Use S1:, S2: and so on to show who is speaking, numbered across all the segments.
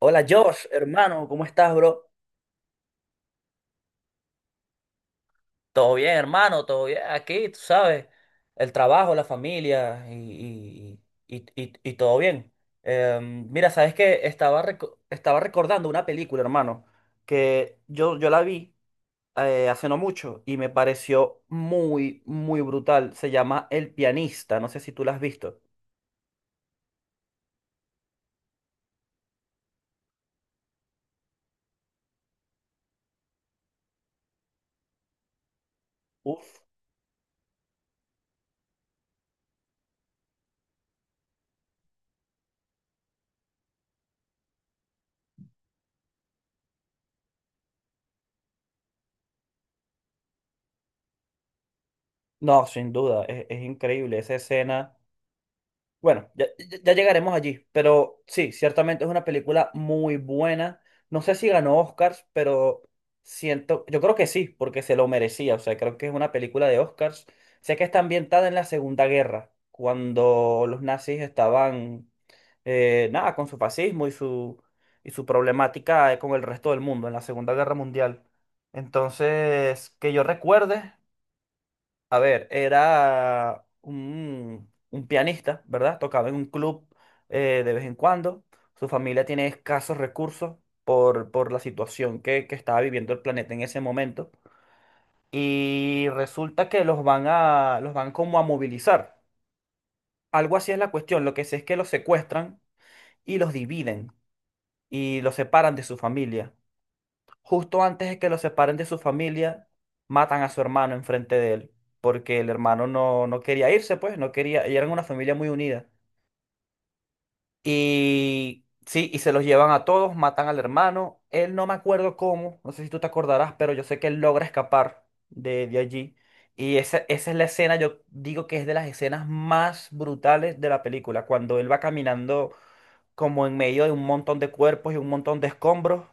S1: Hola Josh, hermano, ¿cómo estás, bro? Todo bien, hermano, todo bien. Aquí, tú sabes, el trabajo, la familia y todo bien. Mira, sabes que estaba recordando una película, hermano, que yo la vi hace no mucho y me pareció muy, muy brutal. Se llama El Pianista, no sé si tú la has visto. Uf. No, sin duda, es increíble esa escena. Bueno, ya llegaremos allí, pero sí, ciertamente es una película muy buena. No sé si ganó Oscars, pero siento, yo creo que sí, porque se lo merecía. O sea, creo que es una película de Oscars. Sé que está ambientada en la Segunda Guerra, cuando los nazis estaban, nada, con su fascismo y y su problemática, con el resto del mundo en la Segunda Guerra Mundial. Entonces, que yo recuerde, a ver, era un pianista, ¿verdad? Tocaba en un club de vez en cuando. Su familia tiene escasos recursos por la situación que estaba viviendo el planeta en ese momento. Y resulta que los van a, los van como a movilizar. Algo así es la cuestión. Lo que sé es que los secuestran y los dividen y los separan de su familia. Justo antes de que lo separen de su familia, matan a su hermano enfrente de él, porque el hermano no quería irse, pues, no quería, y eran una familia muy unida. Y sí, y se los llevan a todos, matan al hermano. Él, no me acuerdo cómo, no sé si tú te acordarás, pero yo sé que él logra escapar de allí. Y esa es la escena, yo digo que es de las escenas más brutales de la película, cuando él va caminando como en medio de un montón de cuerpos y un montón de escombros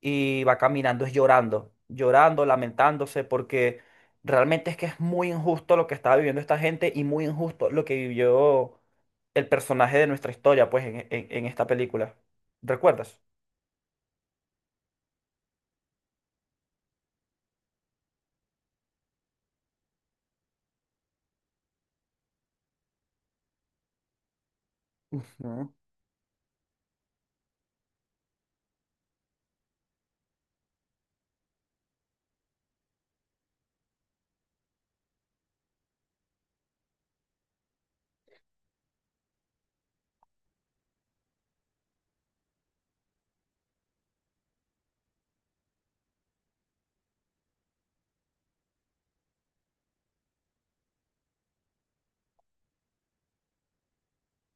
S1: y va caminando es llorando, llorando, lamentándose porque realmente es que es muy injusto lo que estaba viviendo esta gente y muy injusto lo que vivió el personaje de nuestra historia, pues, en esta película. ¿Recuerdas? Ujú.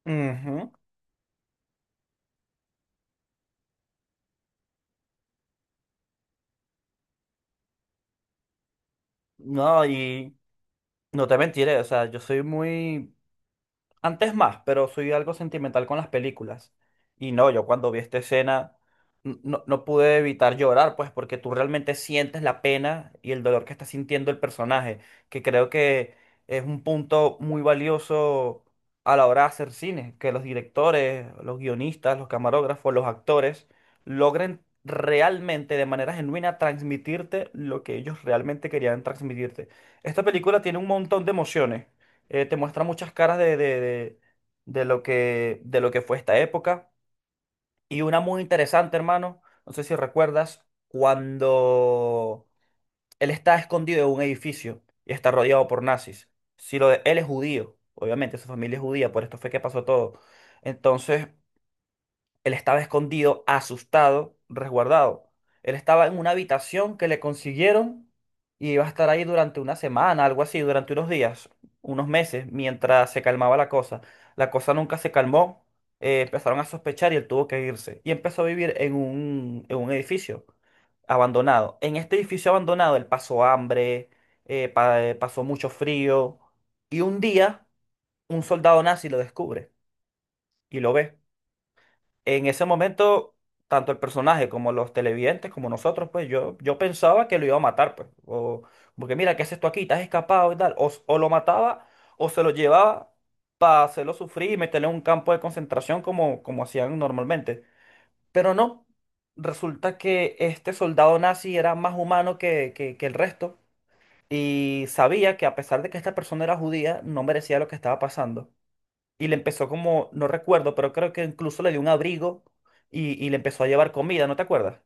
S1: Ujú. No, y no te mentiré, o sea, yo soy muy... Antes más, pero soy algo sentimental con las películas. Y no, yo cuando vi esta escena no pude evitar llorar, pues porque tú realmente sientes la pena y el dolor que está sintiendo el personaje, que creo que es un punto muy valioso a la hora de hacer cine, que los directores, los guionistas, los camarógrafos, los actores logren realmente de manera genuina transmitirte lo que ellos realmente querían transmitirte. Esta película tiene un montón de emociones, te muestra muchas caras de lo que fue esta época. Y una muy interesante, hermano, no sé si recuerdas, cuando él está escondido en un edificio y está rodeado por nazis. Si lo de, él es judío, obviamente, su familia es judía, por esto fue que pasó todo. Entonces, él estaba escondido, asustado, resguardado. Él estaba en una habitación que le consiguieron y iba a estar ahí durante una semana, algo así, durante unos días, unos meses, mientras se calmaba la cosa. La cosa nunca se calmó, empezaron a sospechar y él tuvo que irse. Y empezó a vivir en en un edificio abandonado. En este edificio abandonado él pasó hambre, pasó mucho frío y un día un soldado nazi lo descubre y lo ve. En ese momento, tanto el personaje como los televidentes, como nosotros, pues yo pensaba que lo iba a matar, pues. O, porque mira, ¿qué haces tú aquí? ¿Estás escapado y tal? O, o lo mataba o se lo llevaba para hacerlo sufrir y meterle en un campo de concentración como, como hacían normalmente. Pero no, resulta que este soldado nazi era más humano que, que el resto, y sabía que a pesar de que esta persona era judía, no merecía lo que estaba pasando y le empezó como, no recuerdo, pero creo que incluso le dio un abrigo y le empezó a llevar comida, ¿no te acuerdas?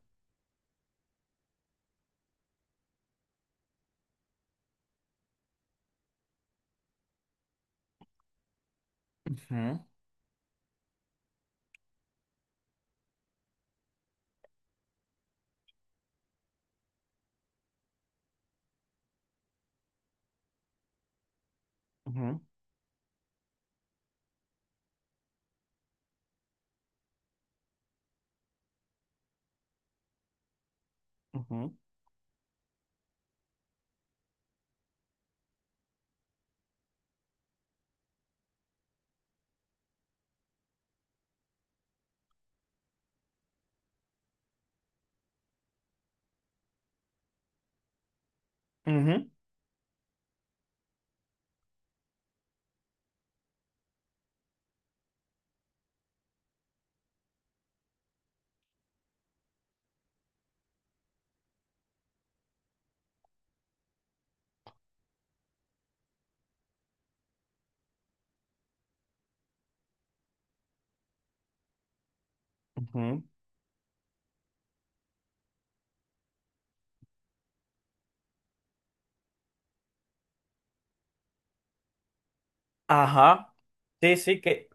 S1: Ujú, ujú, ujú, ujú, ujú. Ajá. Sí, sí, que...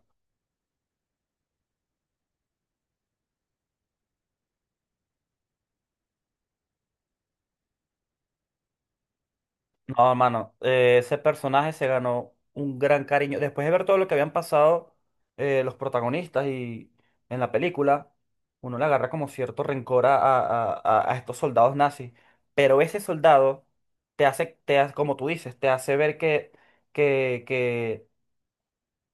S1: No, hermano, ese personaje se ganó un gran cariño. Después de ver todo lo que habían pasado, los protagonistas y en la película, uno le agarra como cierto rencor a, a estos soldados nazis. Pero ese soldado te hace, como tú dices, te hace ver que, que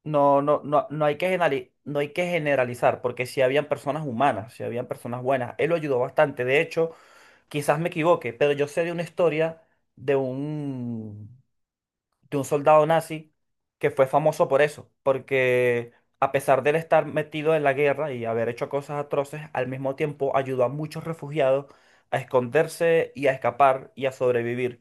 S1: no, no, no, no hay que no hay que generalizar, porque si habían personas humanas, si habían personas buenas, él lo ayudó bastante. De hecho, quizás me equivoque, pero yo sé de una historia de un, de un soldado nazi que fue famoso por eso, porque a pesar de él estar metido en la guerra y haber hecho cosas atroces, al mismo tiempo ayudó a muchos refugiados a esconderse y a escapar y a sobrevivir.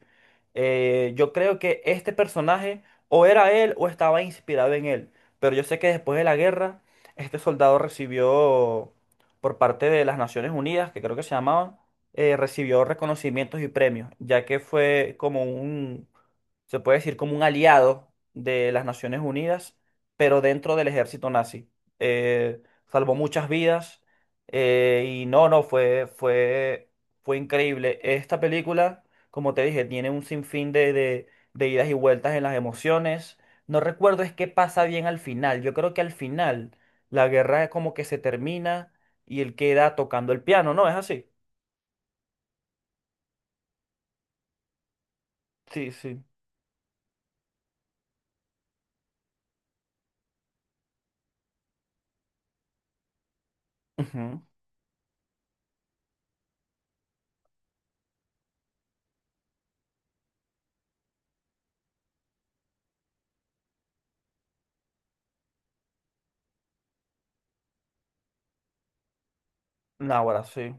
S1: Yo creo que este personaje o era él o estaba inspirado en él, pero yo sé que después de la guerra, este soldado recibió por parte de las Naciones Unidas, que creo que se llamaban, recibió reconocimientos y premios, ya que fue como un, se puede decir como un aliado de las Naciones Unidas, pero dentro del ejército nazi. Eh, Salvó muchas vidas, y no, no, fue increíble. Esta película, como te dije, tiene un sinfín de idas y vueltas en las emociones. No recuerdo es qué pasa bien al final. Yo creo que al final la guerra es como que se termina y él queda tocando el piano, ¿no? ¿Es así? Sí, sí. Ujú. Náguara, sí.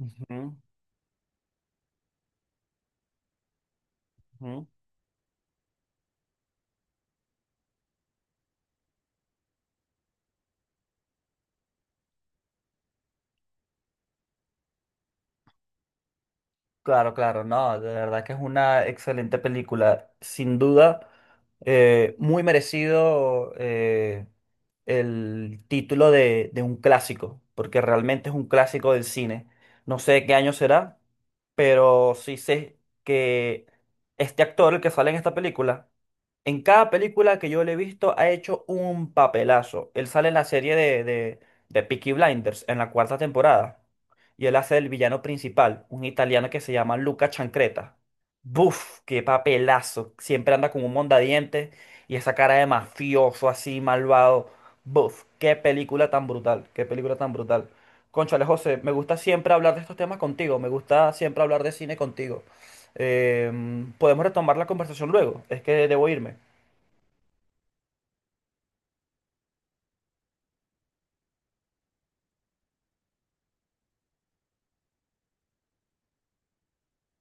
S1: Ujú, ujú. Claro, claro, no, de verdad que es una excelente película, sin duda, muy merecido, el título de un clásico, porque realmente es un clásico del cine. No sé de qué año será, pero sí sé que este actor, el que sale en esta película, en cada película que yo le he visto ha hecho un papelazo. Él sale en la serie de Peaky Blinders, en la cuarta temporada, y él hace el villano principal, un italiano que se llama Luca Chancreta. ¡Buf! ¡Qué papelazo! Siempre anda con un mondadiente y esa cara de mafioso así, malvado. ¡Buf! ¡Qué película tan brutal! ¡Qué película tan brutal! Cónchale, José, me gusta siempre hablar de estos temas contigo, me gusta siempre hablar de cine contigo. Podemos retomar la conversación luego, es que debo irme.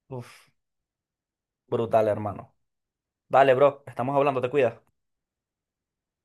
S1: ¡Uf! Brutal, hermano. Dale, bro, estamos hablando, te cuidas.